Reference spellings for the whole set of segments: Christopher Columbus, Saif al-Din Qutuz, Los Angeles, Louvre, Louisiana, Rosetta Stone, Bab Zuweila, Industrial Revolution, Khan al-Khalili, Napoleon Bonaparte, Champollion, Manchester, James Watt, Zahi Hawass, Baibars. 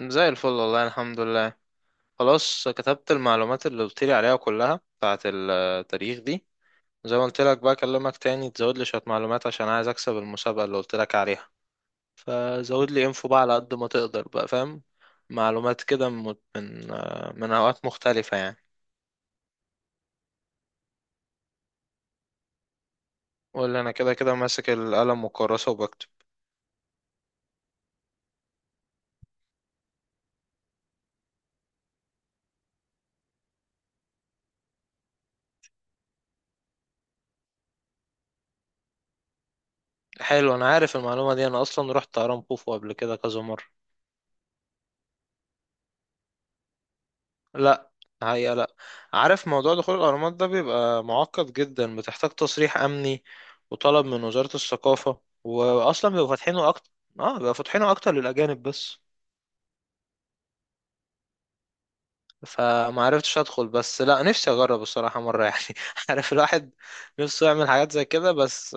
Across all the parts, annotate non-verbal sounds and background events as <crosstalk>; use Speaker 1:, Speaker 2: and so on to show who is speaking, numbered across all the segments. Speaker 1: زي الفل والله، الحمد لله. خلاص كتبت المعلومات اللي قلت لي عليها كلها بتاعت التاريخ دي. زي ما قلت لك بقى اكلمك تاني تزود لي شوية معلومات عشان عايز اكسب المسابقة اللي قلت لك عليها. فزود لي انفو بقى على قد ما تقدر بقى، فاهم؟ معلومات كده من من اوقات مختلفة يعني. ولا انا كده كده ماسك القلم والكراسة وبكتب. حلو، انا عارف المعلومة دي، انا اصلا رحت هرم خوفو قبل كده كذا مرة. لا. هي لا عارف موضوع دخول الأهرامات ده بيبقى معقد جدا، بتحتاج تصريح أمني وطلب من وزارة الثقافة، وأصلا بيبقوا فاتحينه أكتر. اه، بيبقوا فاتحينه أكتر للأجانب بس. فما عرفتش أدخل، بس لا، نفسي أجرب الصراحة مرة يعني. <laughs> عارف الواحد نفسه يعمل حاجات زي كده بس.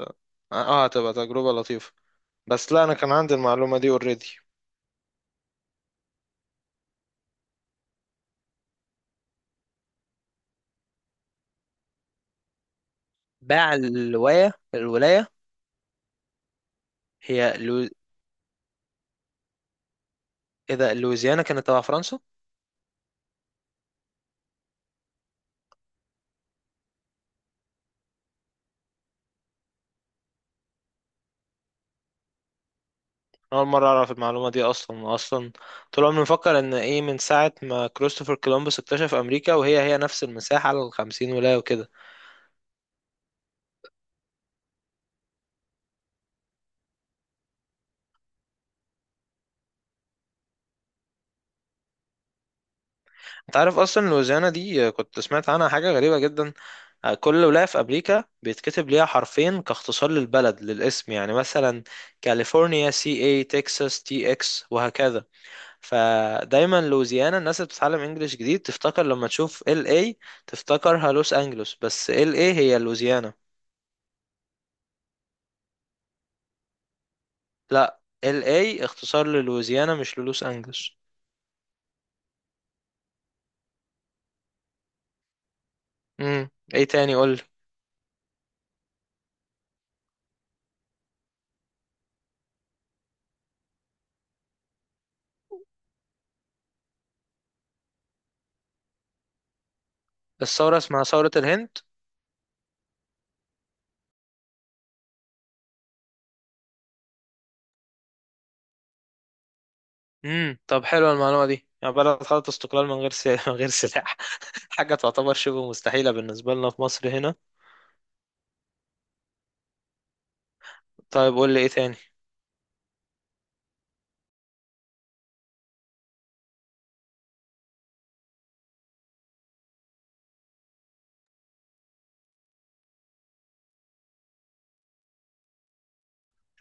Speaker 1: اه، هتبقى تجربة لطيفة. بس لا، أنا كان عندي المعلومة دي اوريدي. باع الولاية هي لو... إذا لويزيانا كانت تبع فرنسا. أول مرة أعرف المعلومة دي أصلا. طول عمري مفكر إن إيه، من ساعة ما كريستوفر كولومبوس اكتشف أمريكا وهي نفس المساحة على الخمسين ولاية وكده. أنت عارف أصلا لويزيانا دي، كنت سمعت عنها حاجة غريبة جدا. كل ولاية في أمريكا بيتكتب ليها حرفين كاختصار للبلد، للاسم، يعني مثلا كاليفورنيا سي اي، تكساس تي اكس، وهكذا. فدايما لويزيانا الناس اللي بتتعلم انجليش جديد تفتكر لما تشوف ال اي تفتكرها لوس انجلوس، بس ال اي هي لويزيانا. لا، ال اي اختصار للويزيانا مش للوس انجلوس. ايه تاني؟ قول لي. الثوره اسمها ثوره الهند. طب حلوه المعلومه دي، يعني بلد خدت استقلال من غير <laughs> من غير سلاح. حاجه تعتبر شبه مستحيله بالنسبه لنا في مصر هنا. طيب قول لي ايه تاني.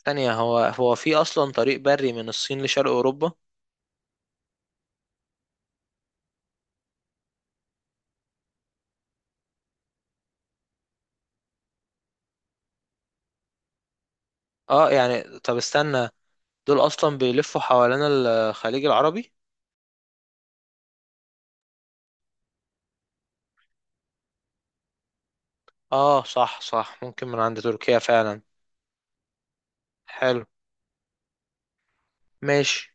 Speaker 1: ثانيه، هو في اصلا طريق بري من الصين لشرق اوروبا؟ اه، يعني طب استنى. دول اصلا بيلفوا حوالين الخليج العربي. اه صح، صح، ممكن من عند تركيا فعلا. حلو. ماشي.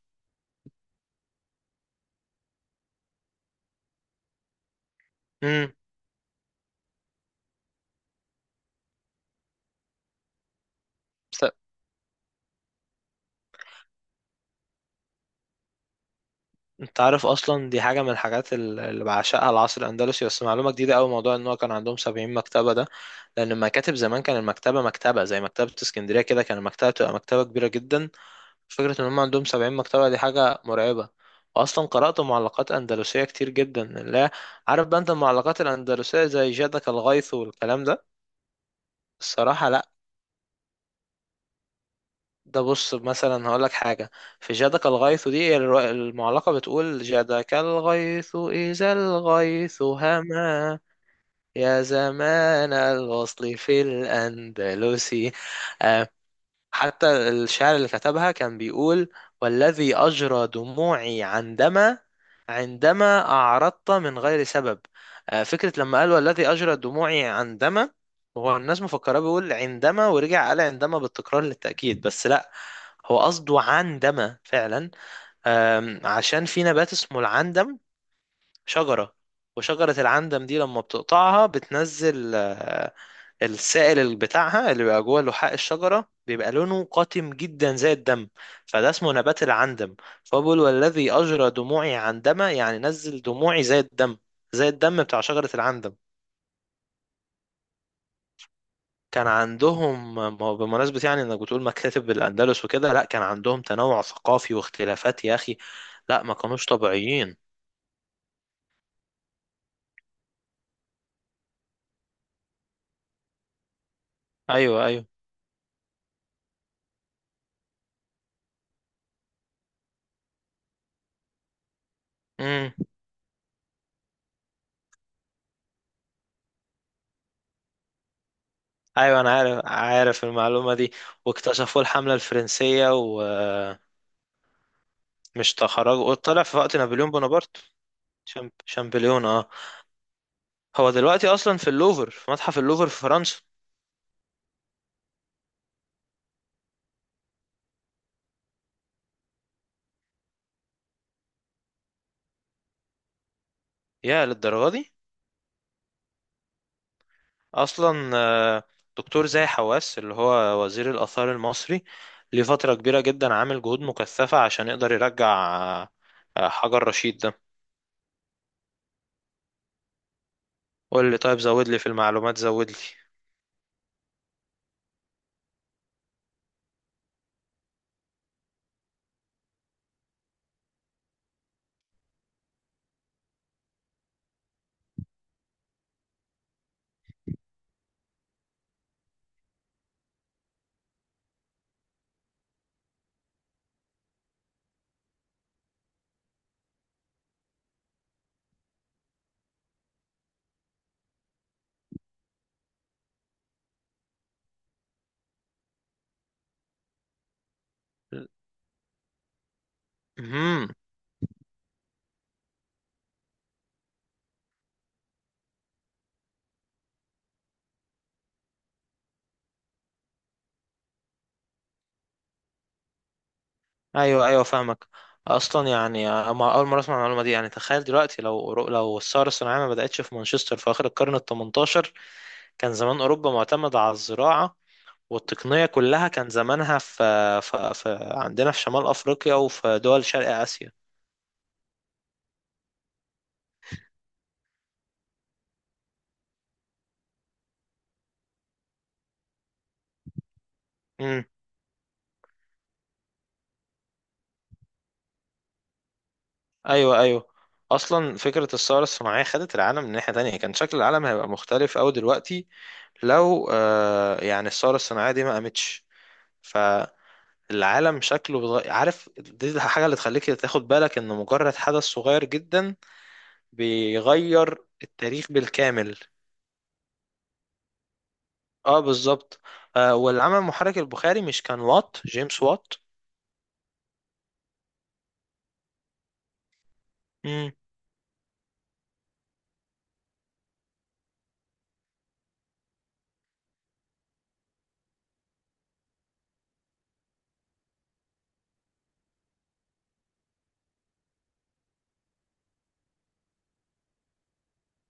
Speaker 1: امم. انت عارف اصلا دي حاجه من الحاجات اللي بعشقها، العصر الاندلسي، بس معلومه جديده قوي موضوع ان هو كان عندهم 70 مكتبه ده. لان المكاتب زمان، كان المكتبه، مكتبه زي مكتبه اسكندريه كده، كان المكتبه بتبقى مكتبه كبيره جدا. فكره ان هم عندهم 70 مكتبه دي حاجه مرعبه. واصلا قرات معلقات اندلسيه كتير جدا. لا عارف بقى انت المعلقات الاندلسيه زي جادك الغيث والكلام ده؟ الصراحه لا. ده بص مثلا هقول لك حاجة، في جادك الغيث دي المعلقة بتقول: جادك الغيث إذا الغيث هما، يا زمان الوصل في الأندلس. حتى الشعر اللي كتبها كان بيقول: والذي أجرى دموعي عندما، عندما أعرضت من غير سبب. فكرة لما قال والذي أجرى دموعي عندما، هو الناس مفكرة بيقول عندما ورجع قال عندما بالتكرار للتأكيد، بس لا، هو قصده عندما فعلا. عشان في نبات اسمه العندم، شجرة. وشجرة العندم دي لما بتقطعها بتنزل، السائل اللي بتاعها اللي بيبقى جوه لحاء الشجرة، بيبقى لونه قاتم جدا زي الدم. فده اسمه نبات العندم. فهو بيقول والذي أجرى دموعي عندما، يعني نزل دموعي زي الدم، زي الدم بتاع شجرة العندم. كان عندهم، ما هو بمناسبة يعني انك بتقول مكاتب الأندلس وكده، لا، كان عندهم تنوع ثقافي واختلافات يا أخي. لا ما كانوش طبيعيين. ايوه، ايوه. امم. ايوه انا عارف المعلومة دي. واكتشفوا الحملة الفرنسية و مش تخرج، طلع في وقت نابليون بونابرت. شامبليون، اه. هو دلوقتي اصلا في اللوفر، في متحف اللوفر في فرنسا. يا للدرجه دي. اصلا دكتور زاهي حواس اللي هو وزير الاثار المصري، ليه فتره كبيره جدا عامل جهود مكثفه عشان يقدر يرجع، آه، حجر رشيد ده. قول لي، طيب زود لي في المعلومات، زود لي. ايوه ايوه فاهمك. اصلا يعني أما اول مره اسمع المعلومه دي، يعني تخيل دلوقتي لو لو الثوره الصناعيه ما بداتش في مانشستر في اخر القرن ال 18، كان زمان اوروبا معتمده على الزراعه، والتقنيه كلها كان زمانها في عندنا في شمال افريقيا وفي دول شرق اسيا. امم. ايوه ايوه. اصلا فكره الثوره الصناعيه خدت العالم من ناحيه تانية، كان شكل العالم هيبقى مختلف أوي دلوقتي لو يعني الثوره الصناعيه دي ما قامتش. العالم شكله بتغير، عارف دي الحاجة اللي تخليك تاخد بالك ان مجرد حدث صغير جدا بيغير التاريخ بالكامل. اه بالظبط. والعمل المحرك البخاري، مش كان وات، جيمس وات؟ امم.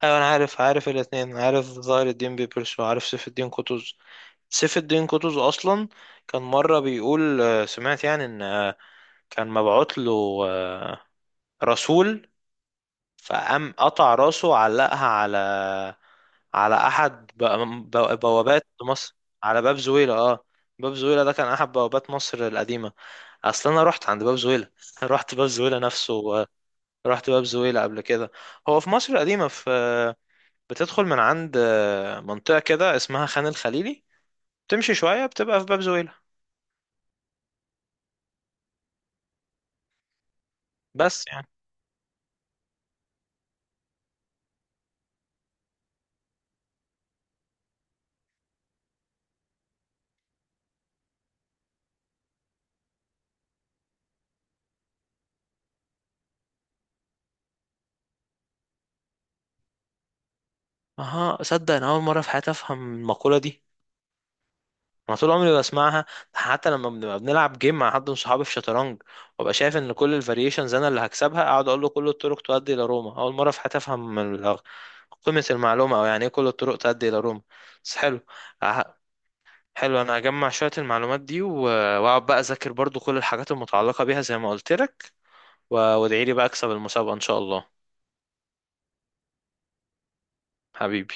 Speaker 1: ايوه انا عارف الاثنين، عارف ظاهر الدين بيبرس وعارف سيف الدين قطز. سيف الدين قطز اصلا كان مرة بيقول، سمعت يعني ان كان مبعوت له آه، رسول، فقام قطع راسه وعلقها على، على احد بوابات مصر. على باب زويلة، اه. باب زويلة ده كان احد بوابات مصر القديمة. اصل انا رحت عند باب زويلة <laughs> رحت باب زويلة نفسه رحت باب زويلة قبل كده. هو في مصر القديمة في، بتدخل من عند منطقة كده اسمها خان الخليلي، تمشي شوية بتبقى في باب زويلة. بس يعني. اها صدق، انا اول مرة في حياتي افهم المقولة دي، انا طول عمري بسمعها. حتى لما بنبقى بنلعب جيم مع حد من صحابي في شطرنج، وابقى شايف ان كل الفاريشنز انا اللي هكسبها، اقعد اقول له كل الطرق تؤدي الى روما. اول مره في حياتي افهم قيمه المعلومه، او يعني ايه كل الطرق تؤدي الى روما. بس حلو. أه- حلو انا هجمع شويه المعلومات دي واقعد بقى اذاكر برضو كل الحاجات المتعلقه بيها زي ما قلت لك، وادعي لي بقى اكسب المسابقه ان شاء الله. حبيبي.